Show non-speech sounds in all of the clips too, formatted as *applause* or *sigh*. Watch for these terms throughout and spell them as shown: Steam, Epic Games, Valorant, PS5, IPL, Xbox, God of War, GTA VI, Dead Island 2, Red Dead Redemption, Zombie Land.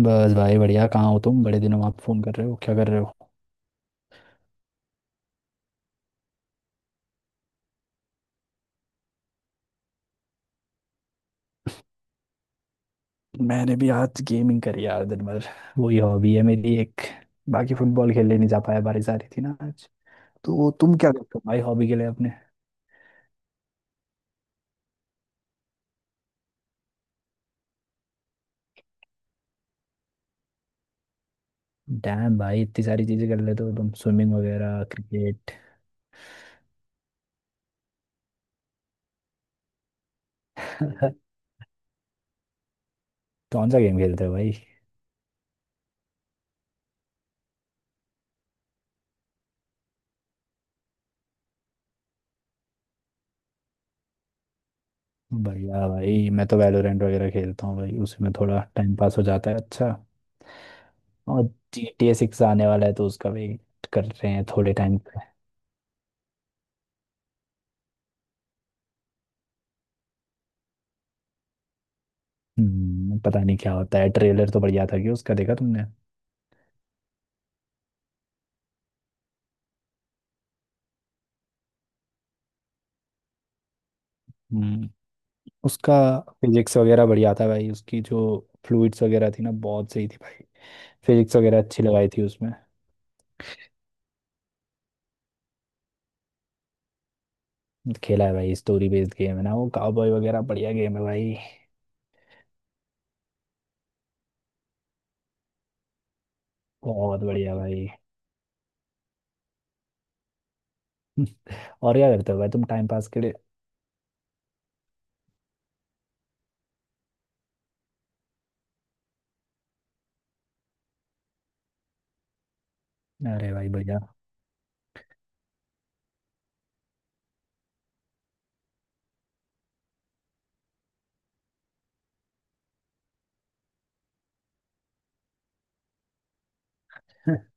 बस भाई बढ़िया। कहाँ हो तुम? बड़े दिनों बाद फोन कर रहे हो। क्या कर रहे हो? मैंने भी आज गेमिंग करी यार दिन भर। वही हॉबी है मेरी एक। बाकी फुटबॉल खेलने नहीं जा पाया, बारिश आ रही थी ना आज। तो तुम क्या करते हो भाई हॉबी के लिए अपने? डैम भाई, इतनी सारी चीजें कर लेते हो तुम, स्विमिंग वगैरह क्रिकेट। *laughs* कौन सा गेम खेलते हो भाई? बढ़िया भाई, मैं तो वैलोरेंट वगैरह खेलता हूँ भाई, उसमें थोड़ा टाइम पास हो जाता है। अच्छा। और जी टी ए सिक्स आने वाला है तो उसका वेट कर रहे हैं थोड़े टाइम। पता नहीं क्या होता है। ट्रेलर तो बढ़िया था, कि उसका देखा तुमने? हम्म उसका फिजिक्स वगैरह बढ़िया था भाई उसकी, जो फ्लूइड्स वगैरह थी ना बहुत सही थी भाई। फिजिक्स वगैरह अच्छी लगाई थी उसमें। खेला है भाई, स्टोरी बेस्ड गेम है ना वो, काउबॉय वगैरह, बढ़िया गेम है भाई। बहुत बढ़िया भाई। और क्या करते हो भाई तुम टाइम पास के लिए? अरे भाई, बढ़िया। *laughs*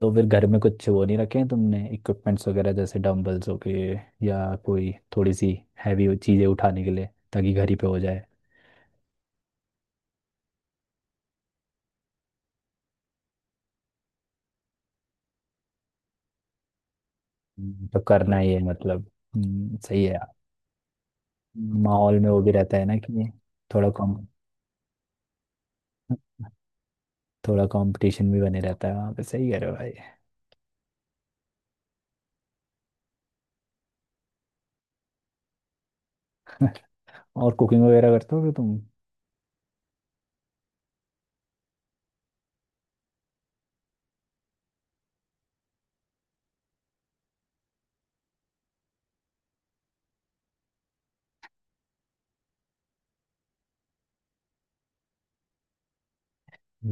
तो फिर घर में कुछ वो नहीं रखे हैं तुमने, इक्विपमेंट्स वगैरह, जैसे डंबल्स हो गए, या कोई थोड़ी सी हैवी चीज़ें उठाने के लिए, ताकि घर ही पे हो जाए? तो करना ही है मतलब। सही है यार। माहौल में वो भी रहता है ना कि, थोड़ा कॉम, थोड़ा कंपटीशन भी बने रहता है वहाँ पे, सही कह रहे हो भाई। और कुकिंग वगैरह करते होगे तुम?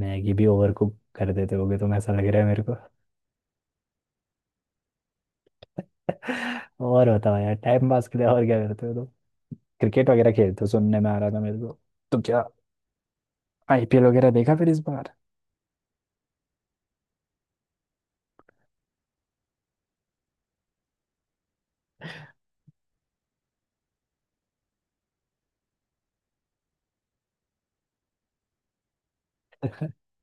मैगी भी ओवर कुक कर देते होगे तुम, ऐसा लग रहा है मेरे को। *laughs* और बताओ यार, टाइम पास के लिए और क्या करते हो तुम? क्रिकेट वगैरह खेलते हो, सुनने में आ रहा था मेरे को। तो क्या आईपीएल वगैरह देखा फिर इस बार? *laughs*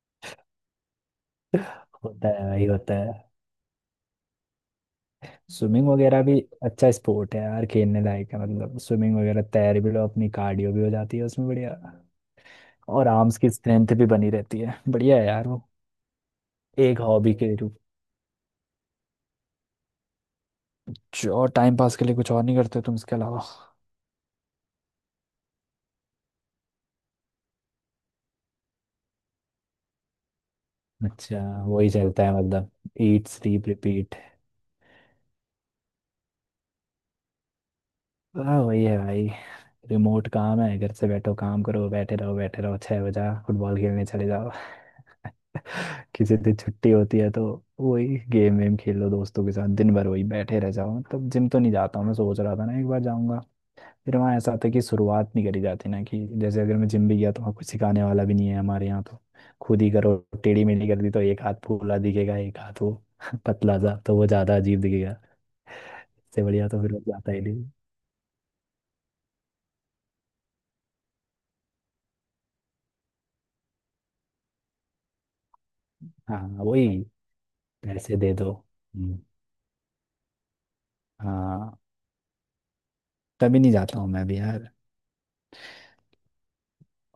होता है भाई, होता है। स्विमिंग वगैरह भी अच्छा स्पोर्ट है यार, खेलने लायक है, मतलब स्विमिंग वगैरह तैर भी लो, अपनी कार्डियो भी हो जाती है उसमें, बढ़िया। और आर्म्स की स्ट्रेंथ भी बनी रहती है। *laughs* बढ़िया है यार वो। एक हॉबी के रूप, जो टाइम पास के लिए कुछ और नहीं करते तुम इसके अलावा? अच्छा। वही चलता है मतलब। Eat sleep repeat. हाँ वही है भाई। रिमोट काम है, घर से बैठो, काम करो, बैठे रहो बैठे रहो, 6 बजा फुटबॉल खेलने चले जाओ। *laughs* किसी दिन छुट्टी होती है तो वही, गेम वेम खेल लो दोस्तों के साथ दिन भर, वही बैठे रह जाओ, मतलब जिम तो नहीं जाता हूँ मैं, सोच रहा था ना एक बार जाऊंगा। फिर वहाँ ऐसा था कि शुरुआत नहीं करी जाती ना, कि जैसे अगर मैं जिम भी गया तो वहाँ कुछ सिखाने वाला भी नहीं है हमारे यहाँ, तो खुद ही करो, टेढ़ी मेढ़ी कर दी तो एक हाथ फूला दिखेगा, एक हाथ वो। *laughs* पतला सा तो वो ज्यादा अजीब दिखेगा। इससे बढ़िया तो फिर वो जाता ही नहीं। हाँ वही, पैसे दे दो। हम्म, हाँ, तभी नहीं जाता हूँ मैं भी यार।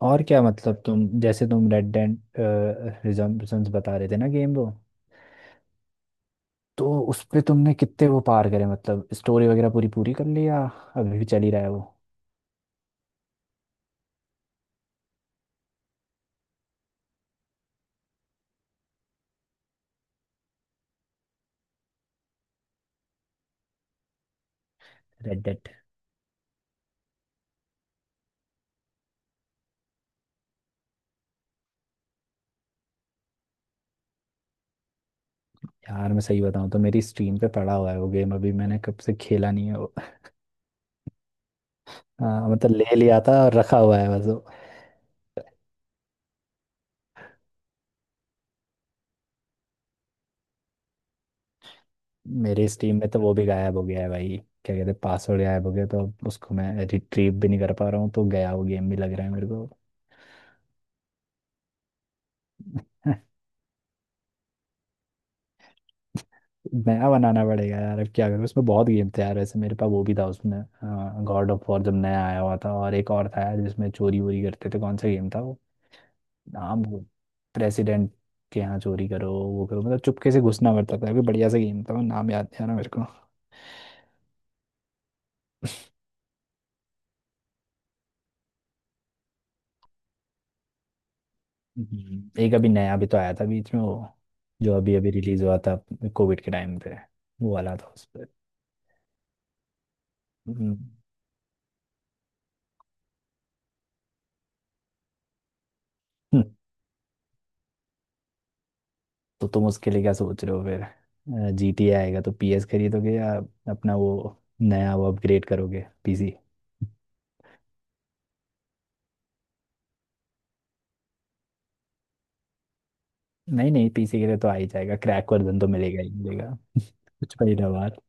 और क्या, मतलब तुम, जैसे तुम रेड डेड रिडेम्पशन बता रहे थे ना गेम वो, तो उस पे तुमने कितने वो पार करे, मतलब स्टोरी वगैरह पूरी पूरी कर ली या अभी भी चल ही रहा है वो, रेड डेड? यार मैं सही बताऊँ तो मेरी स्ट्रीम पे पड़ा हुआ है वो गेम, अभी मैंने कब से खेला नहीं है वो। हाँ मतलब ले लिया था और रखा हुआ है बस। मेरी स्टीम में तो वो भी गायब हो गया है भाई, क्या कहते हैं, पासवर्ड गायब हो गया तो अब उसको मैं रिट्रीव भी नहीं कर पा रहा हूँ, तो गया वो गेम भी लग रहा है मेरे को। *laughs* नया बनाना पड़ेगा यार, अब क्या करूँ, उसमें बहुत गेम थे यार वैसे मेरे पास, वो भी था उसमें, गॉड ऑफ वॉर जब नया आया हुआ था, और एक और था यार जिसमें चोरी वोरी करते थे, कौन सा गेम था वो? नाम वो, प्रेसिडेंट के यहाँ चोरी करो वो करो, मतलब चुपके से घुसना पड़ता था, अभी बढ़िया सा गेम था वो, नाम याद नहीं आ रहा मेरे। एक अभी नया भी तो आया था बीच में, वो जो अभी अभी रिलीज हुआ था कोविड के टाइम पे, वो वाला था उस पर। हम्म, तो तुम उसके लिए क्या सोच रहे हो फिर? जी टी आएगा तो पी एस खरीदोगे, या अपना वो, नया वो अपग्रेड करोगे पीसी? नहीं नहीं, पीसी के लिए तो आ ही जाएगा क्रैक वर्जन, तो मिलेगा ही मिलेगा। *laughs* कुछ महीना बाद।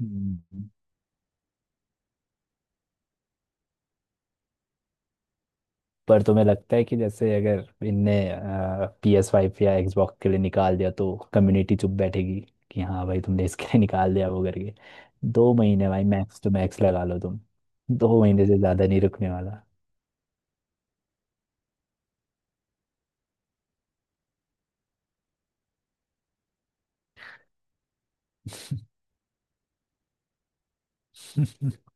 हम्म, पर तुम्हें लगता है कि, जैसे अगर इनने पी एस फाइव या Xbox के लिए निकाल दिया तो कम्युनिटी चुप बैठेगी? कि हाँ भाई तुमने इसके लिए निकाल दिया वो करके, 2 महीने भाई, मैक्स टू मैक्स लगा लो तुम, 2 महीने से ज़्यादा नहीं रुकने वाला। *laughs*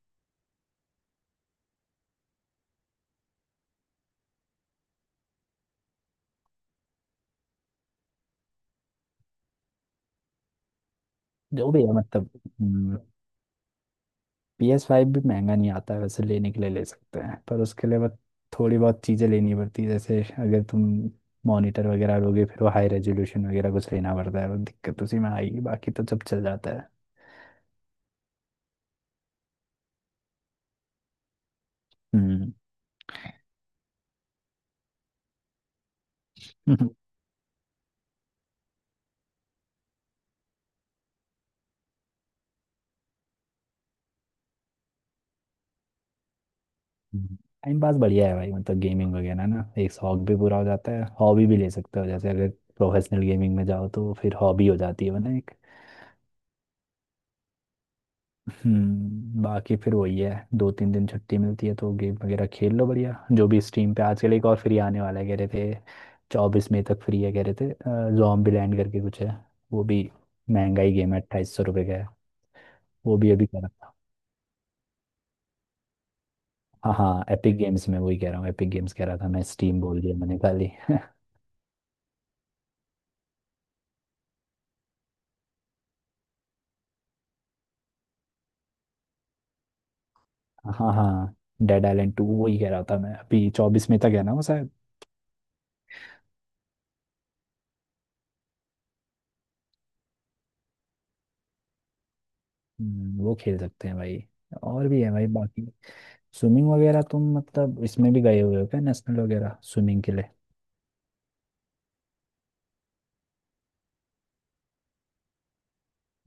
जो भी है मतलब, पी एस फाइव भी महंगा नहीं आता है वैसे, लेने के लिए ले सकते हैं, पर उसके लिए बस थोड़ी बहुत चीज़ें लेनी पड़ती है, जैसे अगर तुम मॉनिटर वगैरह लोगे फिर वो हाई रेजोल्यूशन वगैरह कुछ लेना पड़ता है, वो दिक्कत उसी में आएगी, बाकी तो सब चल जाता है। हम्म। *laughs* टाइम पास बढ़िया है भाई, मतलब गेमिंग वगैरह ना, एक शौक भी पूरा हो जाता है, हॉबी भी ले सकते हो, जैसे अगर प्रोफेशनल गेमिंग में जाओ तो फिर हॉबी हो जाती है वो ना, एक। बाकी फिर वही है, 2-3 दिन छुट्टी मिलती है तो गेम वगैरह खेल लो, बढ़िया। जो भी स्ट्रीम पे आजकल, एक और फ्री आने वाला है कह रहे थे, 24 मई तक फ्री है कह रहे थे, जॉम्बी लैंड करके कुछ है, वो भी महंगा ही गेम है, 2800 रुपये का है। वो भी अभी कह रहा था। हाँ हाँ, एपिक गेम्स में, वही कह रहा हूँ, एपिक गेम्स कह रहा था मैं, स्टीम बोल दिया मैंने खाली। *laughs* हाँ हाँ, डेड आइलैंड टू, वही कह रहा था मैं, अभी 24 मई तक है ना वो शायद। वो खेल सकते हैं भाई। और भी है भाई बाकी। स्विमिंग वगैरह तुम मतलब इसमें भी गए हुए हो क्या, नेशनल वगैरह स्विमिंग के लिए?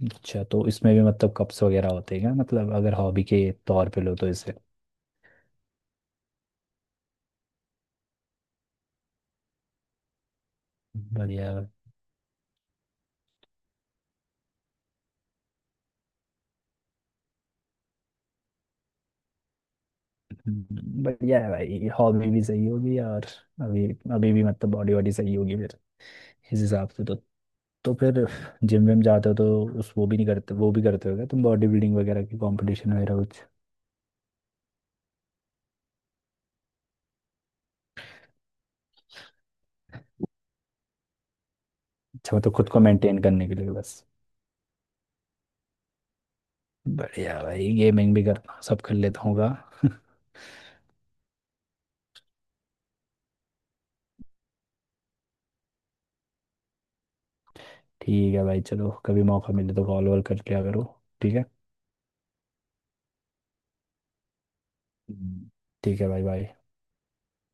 अच्छा। तो इसमें भी मतलब कप्स वगैरह होते हैं क्या, मतलब अगर हॉबी के तौर पे लो तो इसे? बढ़िया। बढ़िया है भाई, हॉबी भी सही होगी और, अभी, अभी भी मतलब बॉडी वॉडी सही होगी इस हिसाब से तो। तो फिर जिम विम जाते हो तो, उस वो भी नहीं करते, वो भी करते हो क्या तुम, बॉडी बिल्डिंग वगैरह की कंपटीशन वगैरह कुछ? अच्छा, मतलब खुद को मेंटेन करने के लिए बस। बढ़िया भाई, गेमिंग भी करता हूँ सब कर लेता हूँ गा। *laughs* ठीक है भाई, चलो कभी मौका मिले तो कॉल वॉल कर लिया करो। ठीक है। हम्म। ठीक है भाई, बाय।